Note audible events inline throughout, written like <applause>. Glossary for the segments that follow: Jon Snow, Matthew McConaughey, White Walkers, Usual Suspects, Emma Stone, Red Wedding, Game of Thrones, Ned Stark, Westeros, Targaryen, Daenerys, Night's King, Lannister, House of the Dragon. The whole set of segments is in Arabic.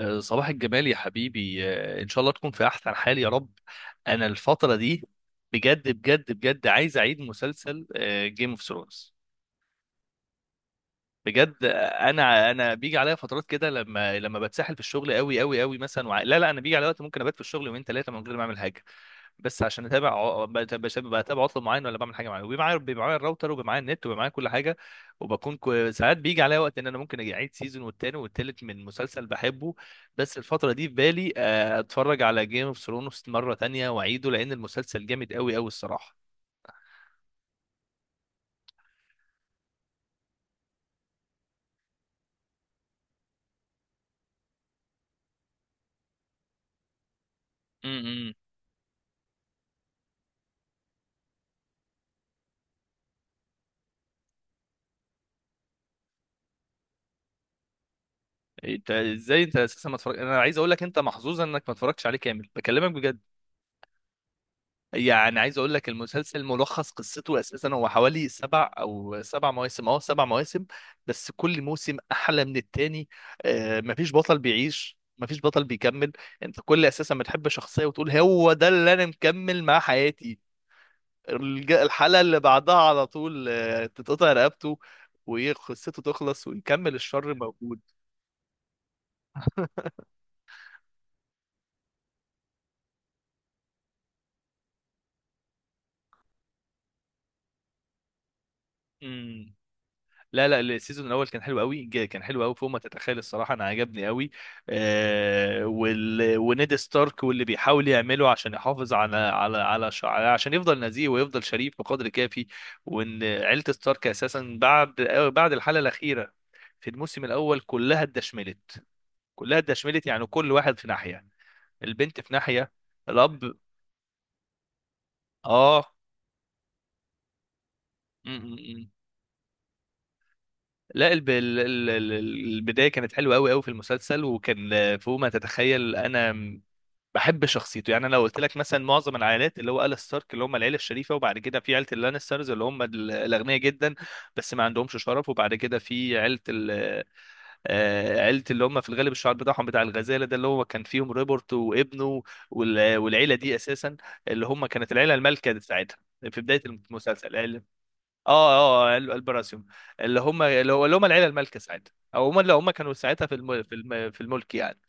صباح الجمال يا حبيبي، ان شاء الله تكون في احسن حال يا رب. انا الفتره دي بجد بجد بجد عايز اعيد مسلسل جيم اوف ثرونز. بجد. انا بيجي عليا فترات كده، لما بتسحل في الشغل قوي قوي قوي مثلا لا، لا، انا بيجي عليا وقت ممكن ابات في الشغل يومين ثلاثه من غير ما اعمل حاجه، بس عشان اتابع بتابع عطل معين، ولا بعمل حاجه معينه، وبيبقى معايا الراوتر، وبيبقى معايا النت، وبيبقى معايا كل حاجه. ساعات بيجي عليا وقت ان انا ممكن اجي اعيد سيزون والتاني والتالت من مسلسل بحبه. بس الفتره دي في بالي اتفرج على جيم اوف ثرونز مره تانية واعيده، لان المسلسل جامد قوي قوي الصراحه. انت ازاي انت اساسا ما اتفرج، انا عايز اقول لك انت محظوظ انك ما اتفرجتش عليه كامل، بكلمك بجد. يعني عايز اقول لك المسلسل ملخص قصته اساسا هو حوالي سبع او سبع مواسم، سبع مواسم، بس كل موسم احلى من التاني. مفيش بطل بيعيش، مفيش بطل بيكمل، انت كل اساسا بتحب شخصية وتقول هو ده اللي انا مكمل مع حياتي، الحلقة اللي بعدها على طول تتقطع رقبته، وقصته تخلص، ويكمل الشر موجود. <laughs> لا، لا، السيزون الاول كان حلو قوي، كان حلو قوي فوق ما تتخيل الصراحه، انا عجبني قوي. ونيد ستارك واللي بيحاول يعمله عشان يحافظ على عشان يفضل نزيه ويفضل شريف بقدر كافي. وان عيله ستارك اساسا بعد الحلقه الاخيره في الموسم الاول كلها اتدشملت، كلها اتدشملت، يعني كل واحد في ناحيه، البنت في ناحيه، الاب. اه لا، البدايه كانت حلوه قوي قوي في المسلسل، وكان فوق ما تتخيل. انا بحب شخصيته، يعني انا لو قلت لك مثلا معظم العائلات اللي هو آل ستارك اللي هم العيله الشريفه، وبعد كده في عيله اللانسترز اللي هم الاغنياء جدا بس ما عندهمش شرف، وبعد كده في عيله ال... آه، عيله اللي هم في الغالب الشعار بتاعهم بتاع الغزاله، ده اللي هو كان فيهم ريبورت وابنه. والعيله دي اساسا اللي هم كانت العيله المالكه بتاعتها في بدايه المسلسل. اه البراسيوم، اللي هم العيله المالكه ساعتها، او هم اللي هم كانوا ساعتها في الملك يعني.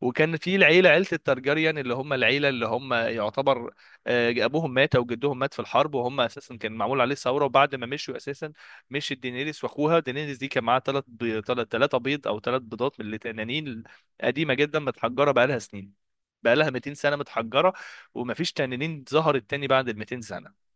وكان في العيله عيله الترجريان، اللي هم العيله، اللي هم يعتبر ابوهم مات او جدهم مات في الحرب، وهم اساسا كان معمول عليه ثوره، وبعد ما مشوا اساسا، مشي دينيريس واخوها. دينيريس دي كان معاها ثلاث ثلاثه بيض او ثلاث بيضات من اللي تنانين قديمه جدا متحجره بقى لها سنين، بقى لها 200 سنه متحجره، ومفيش تنانين ظهرت تاني بعد ال 200 سنه.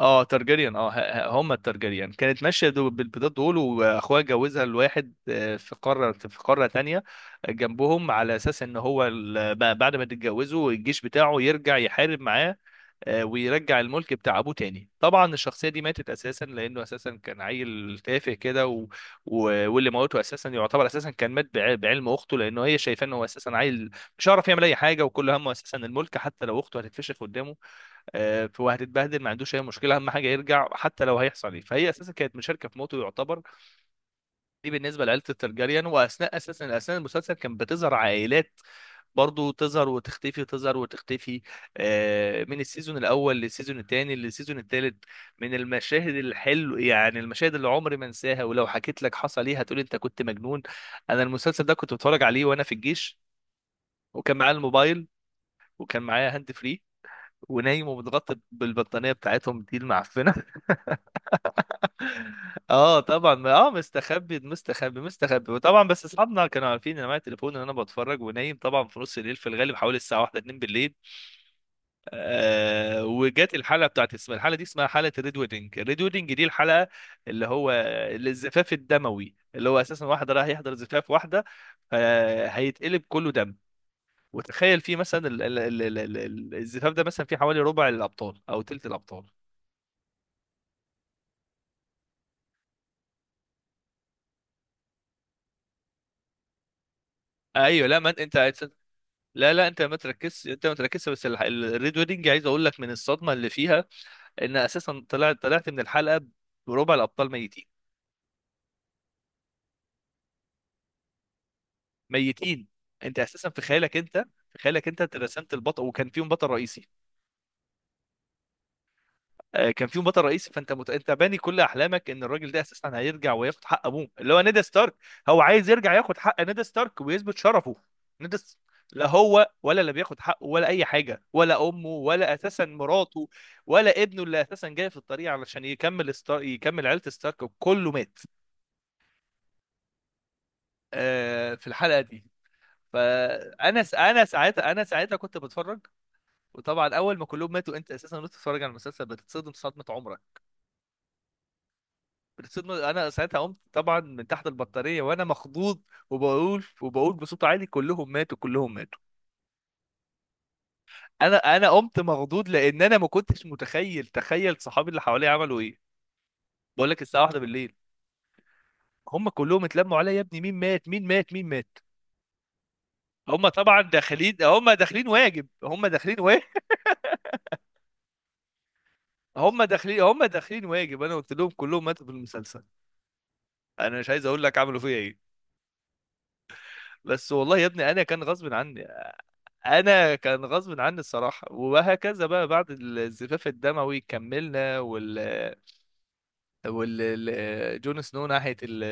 اه ترجريان، هم الترجريان كانت ماشيه دو بالبيضات دول، واخوها جوزها لواحد في قاره في قاره تانية جنبهم، على اساس ان هو بعد ما تتجوزوا الجيش بتاعه يرجع يحارب معاه، ويرجع الملك بتاع ابوه تاني. طبعا الشخصيه دي ماتت اساسا، لانه اساسا كان عيل تافه كده و... واللي موته اساسا يعتبر اساسا كان مات بعلم اخته، لانه هي شايفاه انه هو اساسا عيل مش عارف يعمل اي حاجه، وكل همه اساسا الملك، حتى لو اخته هتتفشخ قدامه وهتتبهدل، ما عندوش اي مشكله، اهم حاجه يرجع حتى لو هيحصل ايه. فهي اساسا كانت مشاركه في موته يعتبر. دي بالنسبه لعائله الترجريان. واثناء اساسا اثناء المسلسل كان بتظهر عائلات برضو، تظهر وتختفي، تظهر وتختفي، من السيزون الاول للسيزون الثاني للسيزون الثالث. من المشاهد الحلو، يعني المشاهد اللي عمري ما انساها، ولو حكيت لك حصل ايه هتقول انت كنت مجنون. انا المسلسل ده كنت بتفرج عليه وانا في الجيش، وكان معايا الموبايل، وكان معايا هاند فري، ونايم ومتغطى بالبطانيه بتاعتهم دي المعفنه. اه طبعا، مستخبي مستخبي مستخبي، وطبعا بس اصحابنا كانوا عارفين ان معايا تليفون، ان انا بتفرج ونايم، طبعا في نص الليل، في الغالب حوالي الساعه 1 2 بالليل. وجت الحلقه بتاعت اسمها، الحلقه دي اسمها حلقه الريد ويدنج، الريد ويدنج دي الحلقه اللي هو الزفاف الدموي، اللي هو اساسا واحد رايح يحضر زفاف واحده هيتقلب كله دم. وتخيل فيه مثلا الزفاف ده مثلا فيه حوالي ربع الابطال او تلت الابطال. ايوه، لا، ما انت، لا، لا، انت ما تركزش، انت ما تركزش، بس الريد ويدنج عايز اقول لك من الصدمه اللي فيها، ان اساسا طلعت من الحلقه بربع الابطال ميتين، ميتين، انت اساسا في خيالك انت رسمت البطل، وكان فيهم بطل رئيسي كان فيهم بطل رئيسي، فانت انت باني كل احلامك ان الراجل ده اساسا هيرجع وياخد حق ابوه اللي هو نيد ستارك، هو عايز يرجع ياخد حق نيد ستارك ويثبت شرفه. نيد س- لا هو، ولا اللي بياخد حقه، ولا اي حاجه، ولا امه، ولا اساسا مراته، ولا ابنه اللي اساسا جاي في الطريق علشان يكمل يكمل عيله ستارك، كله مات في الحلقه دي. فانا س... انا ساعتها انا ساعتها كنت بتفرج، وطبعا اول ما كلهم ماتوا، انت اساسا وانت بتتفرج على المسلسل، بتتصدم صدمه عمرك. انا ساعتها قمت طبعا من تحت البطاريه وانا مخضوض، وبقول بصوت عالي: كلهم ماتوا، كلهم ماتوا. انا قمت مخضوض، لان انا ما كنتش متخيل. تخيل صحابي اللي حواليا عملوا ايه، بقول لك الساعه واحدة بالليل، هم كلهم اتلموا عليا: يا ابني مين مات، مين مات، مين مات؟ هم طبعا داخلين، هم داخلين واجب، هم داخلين واجب، هم داخلين، هم داخلين واجب. انا قلت لهم كلهم ماتوا في المسلسل، انا مش عايز اقول لك عملوا فيا ايه. بس والله يا ابني، انا كان غصب عني، انا كان غصب عني الصراحه. وهكذا بقى بعد الزفاف الدموي كملنا، وال جون سنو ناحية ال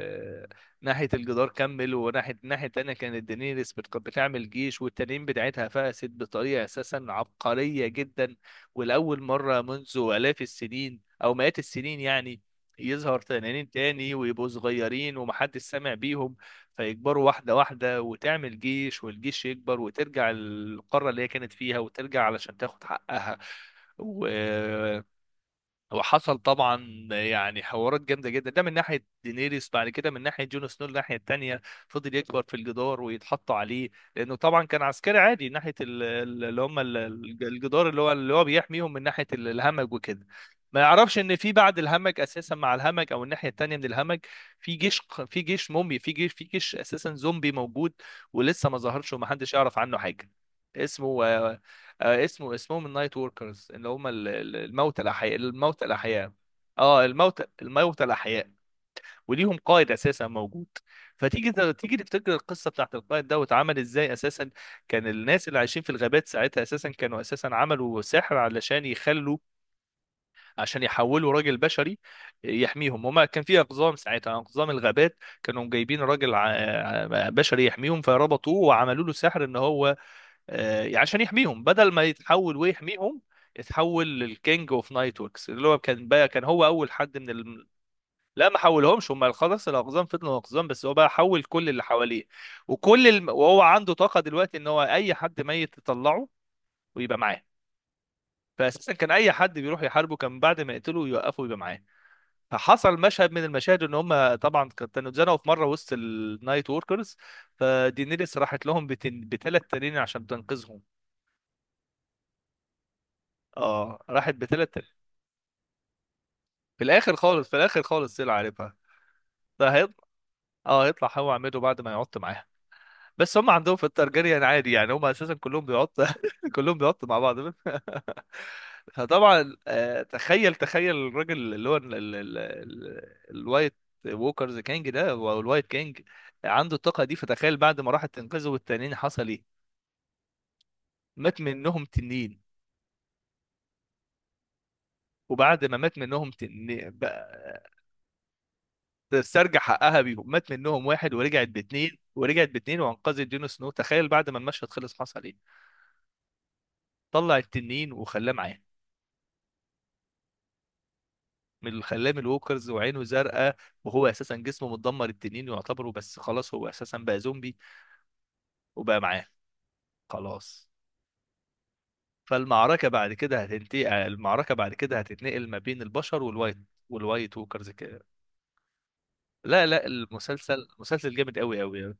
ال- ناحية الجدار كمل، الناحية التانية كانت دينيريس بتعمل جيش، والتنين بتاعتها فقست بطريقة أساسا عبقرية جدا، ولأول مرة منذ آلاف السنين أو مئات السنين يعني يظهر تنانين تاني، ويبقوا صغيرين ومحدش سامع بيهم، فيكبروا واحدة واحدة، وتعمل جيش، والجيش يكبر، وترجع القارة اللي هي كانت فيها، وترجع علشان تاخد حقها و وحصل طبعا يعني حوارات جامده جدا، ده من ناحيه دينيريس. بعد كده من ناحيه جون سنو، الناحيه التانيه، فضل يكبر في الجدار ويتحط عليه، لانه طبعا كان عسكري عادي ناحيه ال- ال- اللي هم ال- ال- الجدار، اللي هو بيحميهم من ناحيه الهمج وكده. ما يعرفش ان في بعد الهمج اساسا، مع الهمج او الناحيه التانيه من الهمج، في جيش، في جيش مومي، في جيش، في جيش اساسا زومبي موجود، ولسه ما ظهرش ومحدش يعرف عنه حاجه. اسمه اسمهم النايت وركرز، اللي هم الموتى الاحياء، الموتى الاحياء. اه الموتى الاحياء، وليهم قائد اساسا موجود. فتيجي تيجي تفتكر القصه بتاعت القائد ده واتعمل ازاي اساسا. كان الناس اللي عايشين في الغابات ساعتها اساسا كانوا اساسا عملوا سحر، علشان يخلوا، عشان يحولوا راجل بشري يحميهم. هما كان في اقزام ساعتها، اقزام الغابات كانوا جايبين راجل بشري يحميهم، فربطوه وعملوا له سحر، ان هو يعني عشان يحميهم، بدل ما يتحول ويحميهم، اتحول للكينج اوف نايت وركس، اللي هو كان بقى كان هو اول حد من لا، ما حولهمش، هم خلاص الاقزام فضلوا اقزام، بس هو بقى حول كل اللي حواليه. وهو عنده طاقه دلوقتي، ان هو اي حد ميت يطلعه ويبقى معاه. فاساسا كان اي حد بيروح يحاربه، كان بعد ما يقتله يوقفه ويبقى معاه. فحصل مشهد من المشاهد، ان هم طبعا كانوا اتزنقوا في مره وسط النايت وركرز، فدينيريس راحت لهم بثلاث تنين عشان تنقذهم. اه راحت بثلاث. في الاخر خالص، في الاخر خالص طلع عارفها. ده هيطلع، اه هيطلع هو عمته بعد ما يقعد معاها، بس هم عندهم في الترجريان عادي، يعني هم اساسا كلهم بيقعدوا <laughs> كلهم بيقعدوا مع بعض <laughs> فطبعا تخيل تخيل الراجل اللي هو الوايت ووكرز كينج ده، او الوايت كينج، عنده الطاقه دي. فتخيل بعد ما راحت تنقذه والتنين حصل ايه، مات منهم تنين. وبعد ما مات منهم تنين تسترجع حقها بيهم، مات منهم واحد ورجعت باتنين، ورجعت باتنين وانقذت جون سنو. تخيل بعد ما المشهد خلص حصل ايه، طلع التنين وخلاه معاه، خلاه من الووكرز وعينه زرقاء، وهو اساسا جسمه متدمر، التنين يعتبره بس خلاص، هو اساسا بقى زومبي وبقى معاه خلاص. فالمعركة بعد كده هتنتقل المعركة بعد كده هتتنقل ما بين البشر والوايت ووكرز كده. لا، لا، المسلسل مسلسل جامد قوي قوي.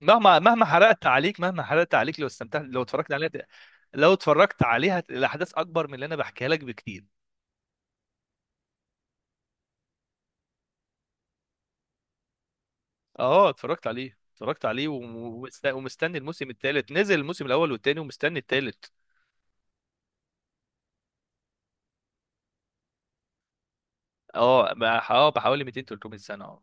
مهما حرقت عليك، مهما حرقت عليك، لو استمتعت، لو اتفرجت عليها لو اتفرجت عليها الاحداث اكبر من اللي انا بحكيها لك بكتير. اه اتفرجت عليه، اتفرجت عليه، ومستني الموسم الثالث. نزل الموسم الاول والثاني، ومستني الثالث. بحوالي 200 300 سنه. اه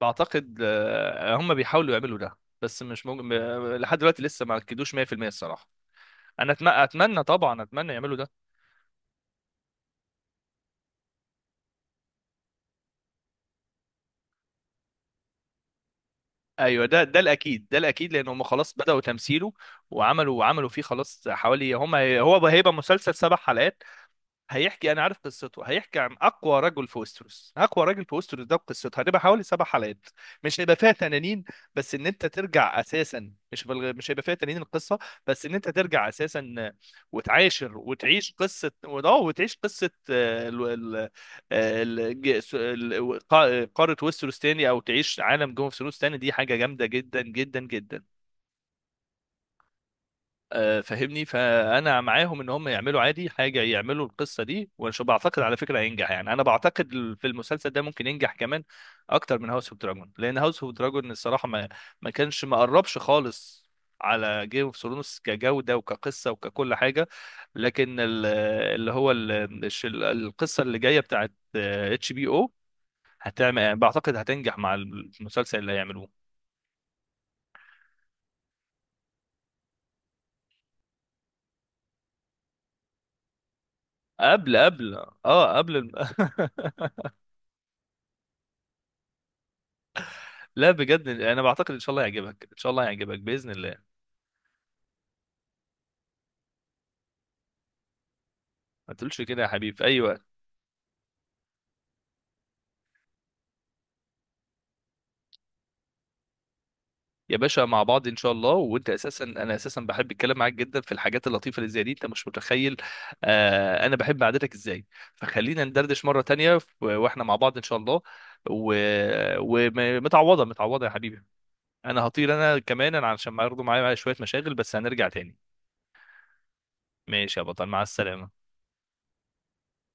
بعتقد هم بيحاولوا يعملوا ده، بس مش ممكن. لحد دلوقتي لسه ما اكدوش 100% الصراحه. انا اتمنى طبعا، اتمنى يعملوا ده. ايوه، ده الاكيد، ده الاكيد، لان هم خلاص بداوا تمثيله، وعملوا فيه خلاص، حوالي هو هيبقى مسلسل سبع حلقات، هيحكي، انا عارف قصته، هيحكي عن اقوى رجل في وستروس، اقوى راجل في وستروس. ده قصته هتبقى حوالي سبع حلقات، مش هيبقى فيها تنانين. بس ان انت ترجع اساسا، مش هيبقى فيها تنانين القصه، بس ان انت ترجع اساسا، وتعاشر، وتعيش قصه، وده وتعيش قصه آه، ال... ال... آه، ال... ج- س- ال... قا- قاره وستروس تاني، او تعيش عالم جوه اوف ثرونز تاني، دي حاجه جامده جدا جدا جدا. فاهمني، فانا معاهم ان هم يعملوا عادي حاجه، يعملوا القصه دي، وشو بعتقد على فكره هينجح، يعني انا بعتقد في المسلسل ده ممكن ينجح كمان، اكتر من هاوس اوف دراجون، لان هاوس اوف دراجون الصراحه ما كانش، ما قربش خالص على جيم اوف ثرونز كجوده وكقصه وككل حاجه. لكن ال- اللي هو ال- الش- القصه اللي جايه بتاعت اتش بي او هتعمل، بعتقد هتنجح مع المسلسل اللي هيعملوه، قبل، اه قبل <laughs> لا بجد، انا بعتقد ان شاء الله يعجبك، ان شاء الله يعجبك باذن الله. ما تقولش كده يا حبيبي، في اي وقت. يا باشا، مع بعض ان شاء الله. وانت اساسا انا اساسا بحب الكلام معاك جدا في الحاجات اللطيفه اللي زي دي، انت مش متخيل، انا بحب قعدتك ازاي. فخلينا ندردش مره تانية واحنا مع بعض ان شاء الله. ومتعوضه متعوضه يا حبيبي، انا هطير انا كمان، انا علشان برضه معايا شويه مشاغل، بس هنرجع تاني. ماشي يا بطل، مع السلامه.